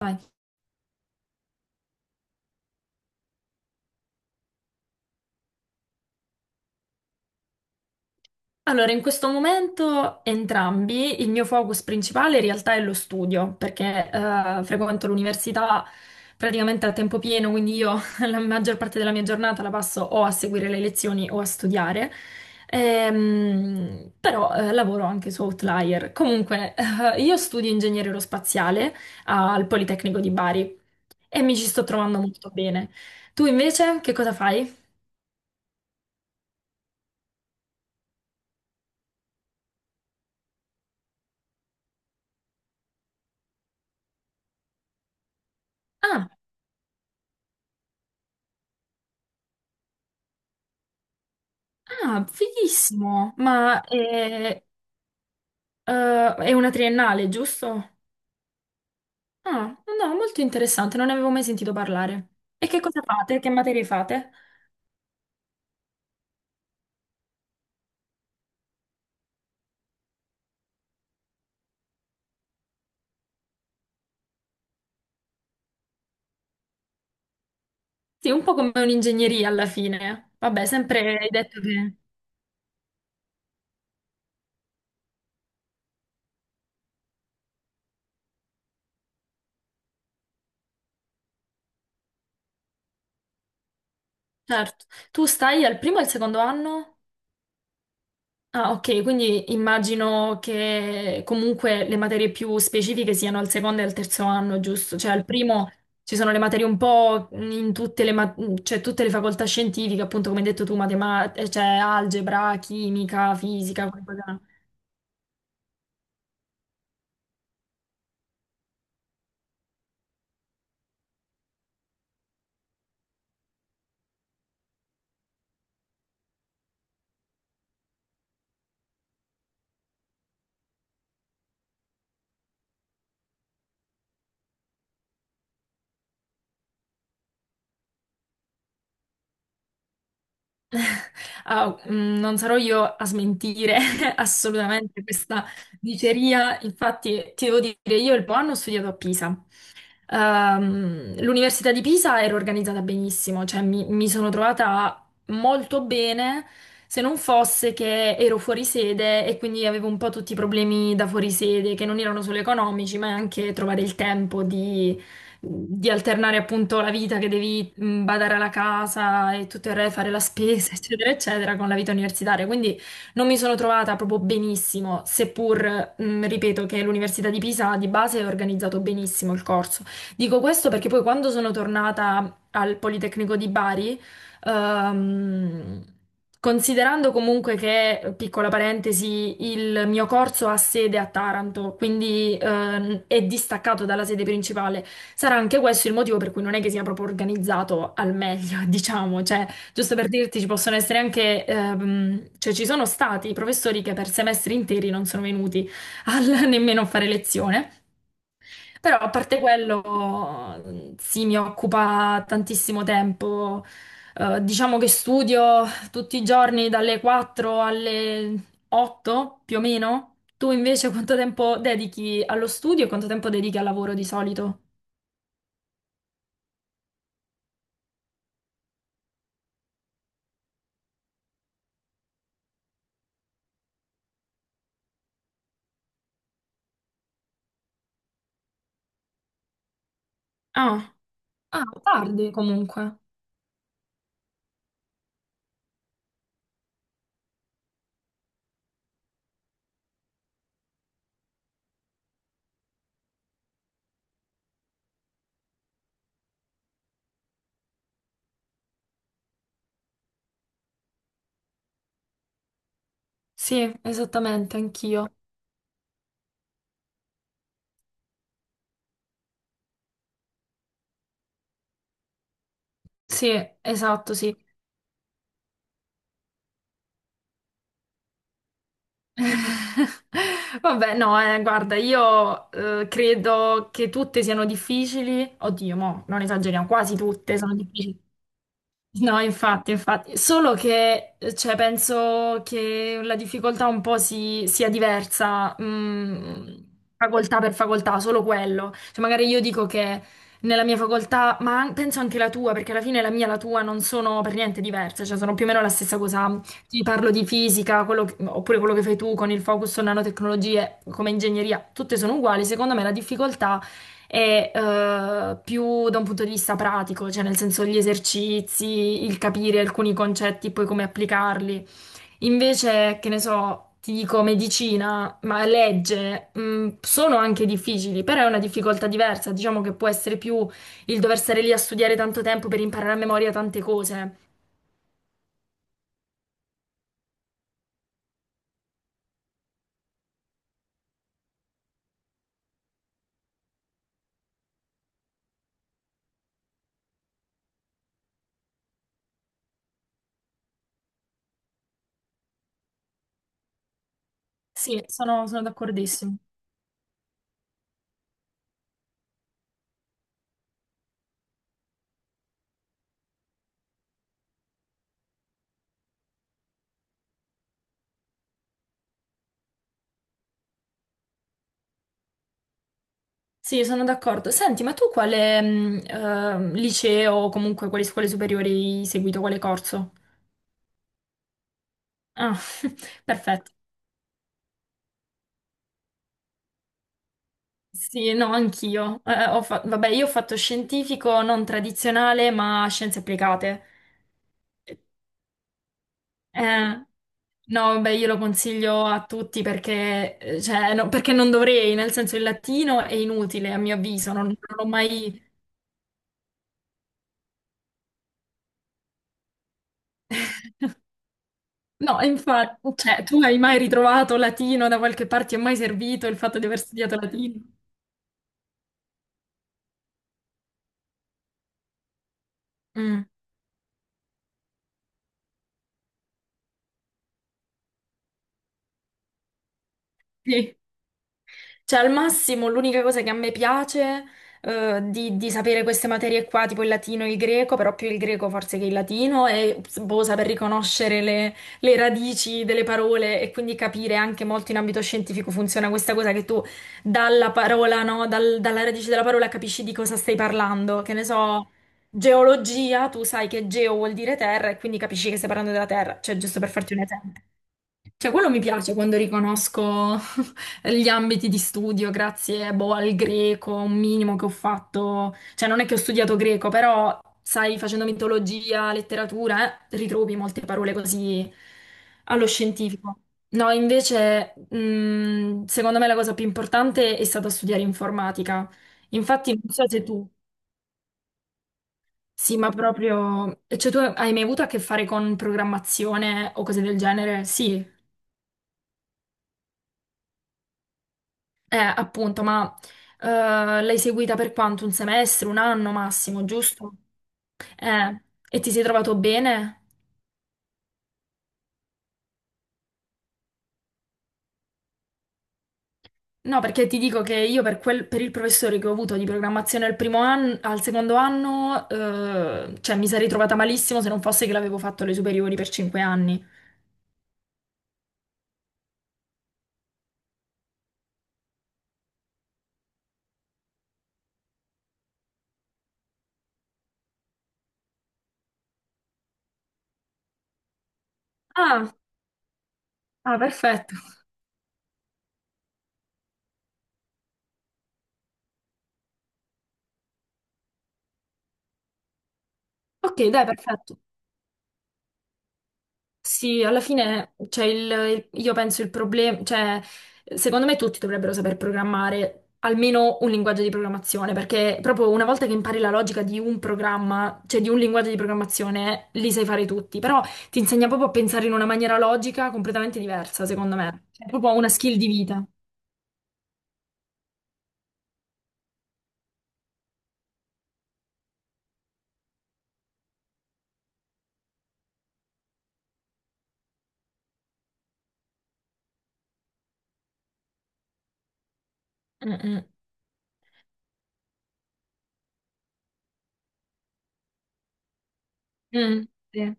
Vai. Allora, in questo momento entrambi, il mio focus principale in realtà è lo studio, perché frequento l'università praticamente a tempo pieno, quindi io la maggior parte della mia giornata la passo o a seguire le lezioni o a studiare. Però lavoro anche su Outlier. Comunque, io studio ingegneria aerospaziale al Politecnico di Bari e mi ci sto trovando molto bene. Tu invece che cosa fai? Ah, ah, fighissimo! Ma eh, è una triennale, giusto? Ah, no, molto interessante, non ne avevo mai sentito parlare. E che cosa fate? Che materie fate? Sì, un po' come un'ingegneria alla fine. Vabbè, sempre hai detto che... Certo. Tu stai al primo e al secondo anno? Ah, ok, quindi immagino che comunque le materie più specifiche siano al secondo e al terzo anno, giusto? Cioè al primo ci sono le materie un po' in tutte le, ma- cioè, tutte le facoltà scientifiche, appunto come hai detto tu, matematica, cioè algebra, chimica, fisica, quelle cose là. Ah, mm, non sarò io a smentire assolutamente questa diceria. Infatti ti devo dire, io il primo anno ho studiato a Pisa. L'Università di Pisa era organizzata benissimo, cioè mi sono trovata molto bene, se non fosse che ero fuori sede e quindi avevo un po' tutti i problemi da fuori sede, che non erano solo economici, ma anche trovare il tempo di alternare appunto la vita che devi badare alla casa e tutto il re, fare la spesa, eccetera, eccetera, con la vita universitaria. Quindi non mi sono trovata proprio benissimo, seppur, ripeto, che l'Università di Pisa di base è organizzato benissimo il corso. Dico questo perché poi quando sono tornata al Politecnico di Bari, ehm, considerando comunque che, piccola parentesi, il mio corso ha sede a Taranto, quindi è distaccato dalla sede principale, sarà anche questo il motivo per cui non è che sia proprio organizzato al meglio, diciamo, cioè, giusto per dirti, ci possono essere anche, cioè ci sono stati professori che per semestri interi non sono venuti al- nemmeno a fare lezione. Però a parte quello, sì, mi occupa tantissimo tempo. Diciamo che studio tutti i giorni dalle 4 alle 8 più o meno. Tu invece quanto tempo dedichi allo studio e quanto tempo dedichi al lavoro di solito? Ah, ah, tardi comunque. Sì, esattamente, anch'io. Sì, esatto, sì. Vabbè, no, guarda, io credo che tutte siano difficili. Oddio, mo, non esageriamo, quasi tutte sono difficili. No, infatti, infatti, solo che cioè, penso che la difficoltà un po' si- sia diversa, mm, facoltà per facoltà, solo quello. Cioè, magari io dico che nella mia facoltà, ma an- penso anche la tua, perché alla fine la mia e la tua non sono per niente diverse, cioè sono più o meno la stessa cosa. Ti parlo di fisica, quello che- oppure quello che fai tu con il focus su nanotecnologie come ingegneria, tutte sono uguali. Secondo me la difficoltà e più da un punto di vista pratico, cioè nel senso gli esercizi, il capire alcuni concetti e poi come applicarli. Invece, che ne so, ti dico medicina, ma legge, sono anche difficili, però è una difficoltà diversa, diciamo che può essere più il dover stare lì a studiare tanto tempo per imparare a memoria tante cose. Sì, sono d'accordissimo. Sì, sono d'accordo. Senti, ma tu quale liceo o comunque quali scuole superiori hai seguito, quale corso? Ah, perfetto. Sì, no, anch'io. Ho fa- vabbè, io ho fatto scientifico non tradizionale, ma scienze applicate. Eh, no, beh, io lo consiglio a tutti perché, cioè, no, perché non dovrei, nel senso il latino è inutile a mio avviso, non l'ho mai... No, infatti, cioè, tu hai mai ritrovato latino da qualche parte? Ti è mai servito il fatto di aver studiato latino? Mm, sì. Cioè, al massimo, l'unica cosa che a me piace di sapere queste materie qua, tipo il latino e il greco, però più il greco forse che il latino, è boh, saper riconoscere le radici delle parole e quindi capire anche molto in ambito scientifico funziona questa cosa che tu dalla parola, no, dal- dalla radice della parola capisci di cosa stai parlando. Che ne so, geologia, tu sai che geo vuol dire terra e quindi capisci che stai parlando della terra, cioè giusto per farti un esempio. Cioè, quello mi piace quando riconosco gli ambiti di studio, grazie, boh, al greco, un minimo che ho fatto, cioè non è che ho studiato greco, però sai, facendo mitologia, letteratura, ritrovi molte parole così allo scientifico. No, invece, secondo me la cosa più importante è stata studiare informatica. Infatti, non so se tu, sì, ma proprio, cioè tu hai mai avuto a che fare con programmazione o cose del genere? Sì, eh, appunto, ma eh, l'hai seguita per quanto? Un semestre, un anno massimo, giusto? Eh, e ti sei trovato bene? No, perché ti dico che io per, quel- per il professore che ho avuto di programmazione al primo anno, al secondo anno, cioè mi sarei trovata malissimo se non fosse che l'avevo fatto alle superiori per 5 anni. Ah, ah, perfetto. Ok, dai, perfetto. Sì, alla fine, cioè, io penso il problema, cioè, secondo me tutti dovrebbero saper programmare almeno un linguaggio di programmazione, perché proprio una volta che impari la logica di un programma, cioè di un linguaggio di programmazione, li sai fare tutti, però ti insegna proprio a pensare in una maniera logica completamente diversa, secondo me. È proprio una skill di vita. Mm, mm, mm, sì.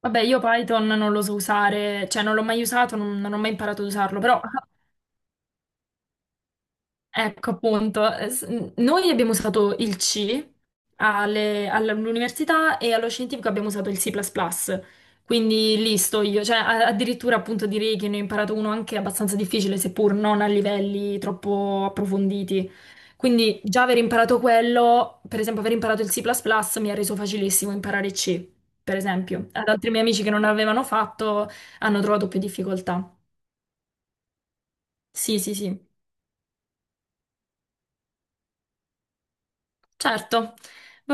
Vabbè, io Python non lo so usare, cioè non l'ho mai usato, non ho mai imparato ad usarlo, però ecco appunto, noi abbiamo usato il C all'università e allo scientifico abbiamo usato il C++, quindi lì sto io, cioè a- addirittura appunto direi che ne ho imparato uno anche abbastanza difficile, seppur non a livelli troppo approfonditi. Quindi già aver imparato quello, per esempio aver imparato il C++ mi ha reso facilissimo imparare C, per esempio. Ad altri miei amici che non l'avevano fatto hanno trovato più difficoltà. Sì, certo. Va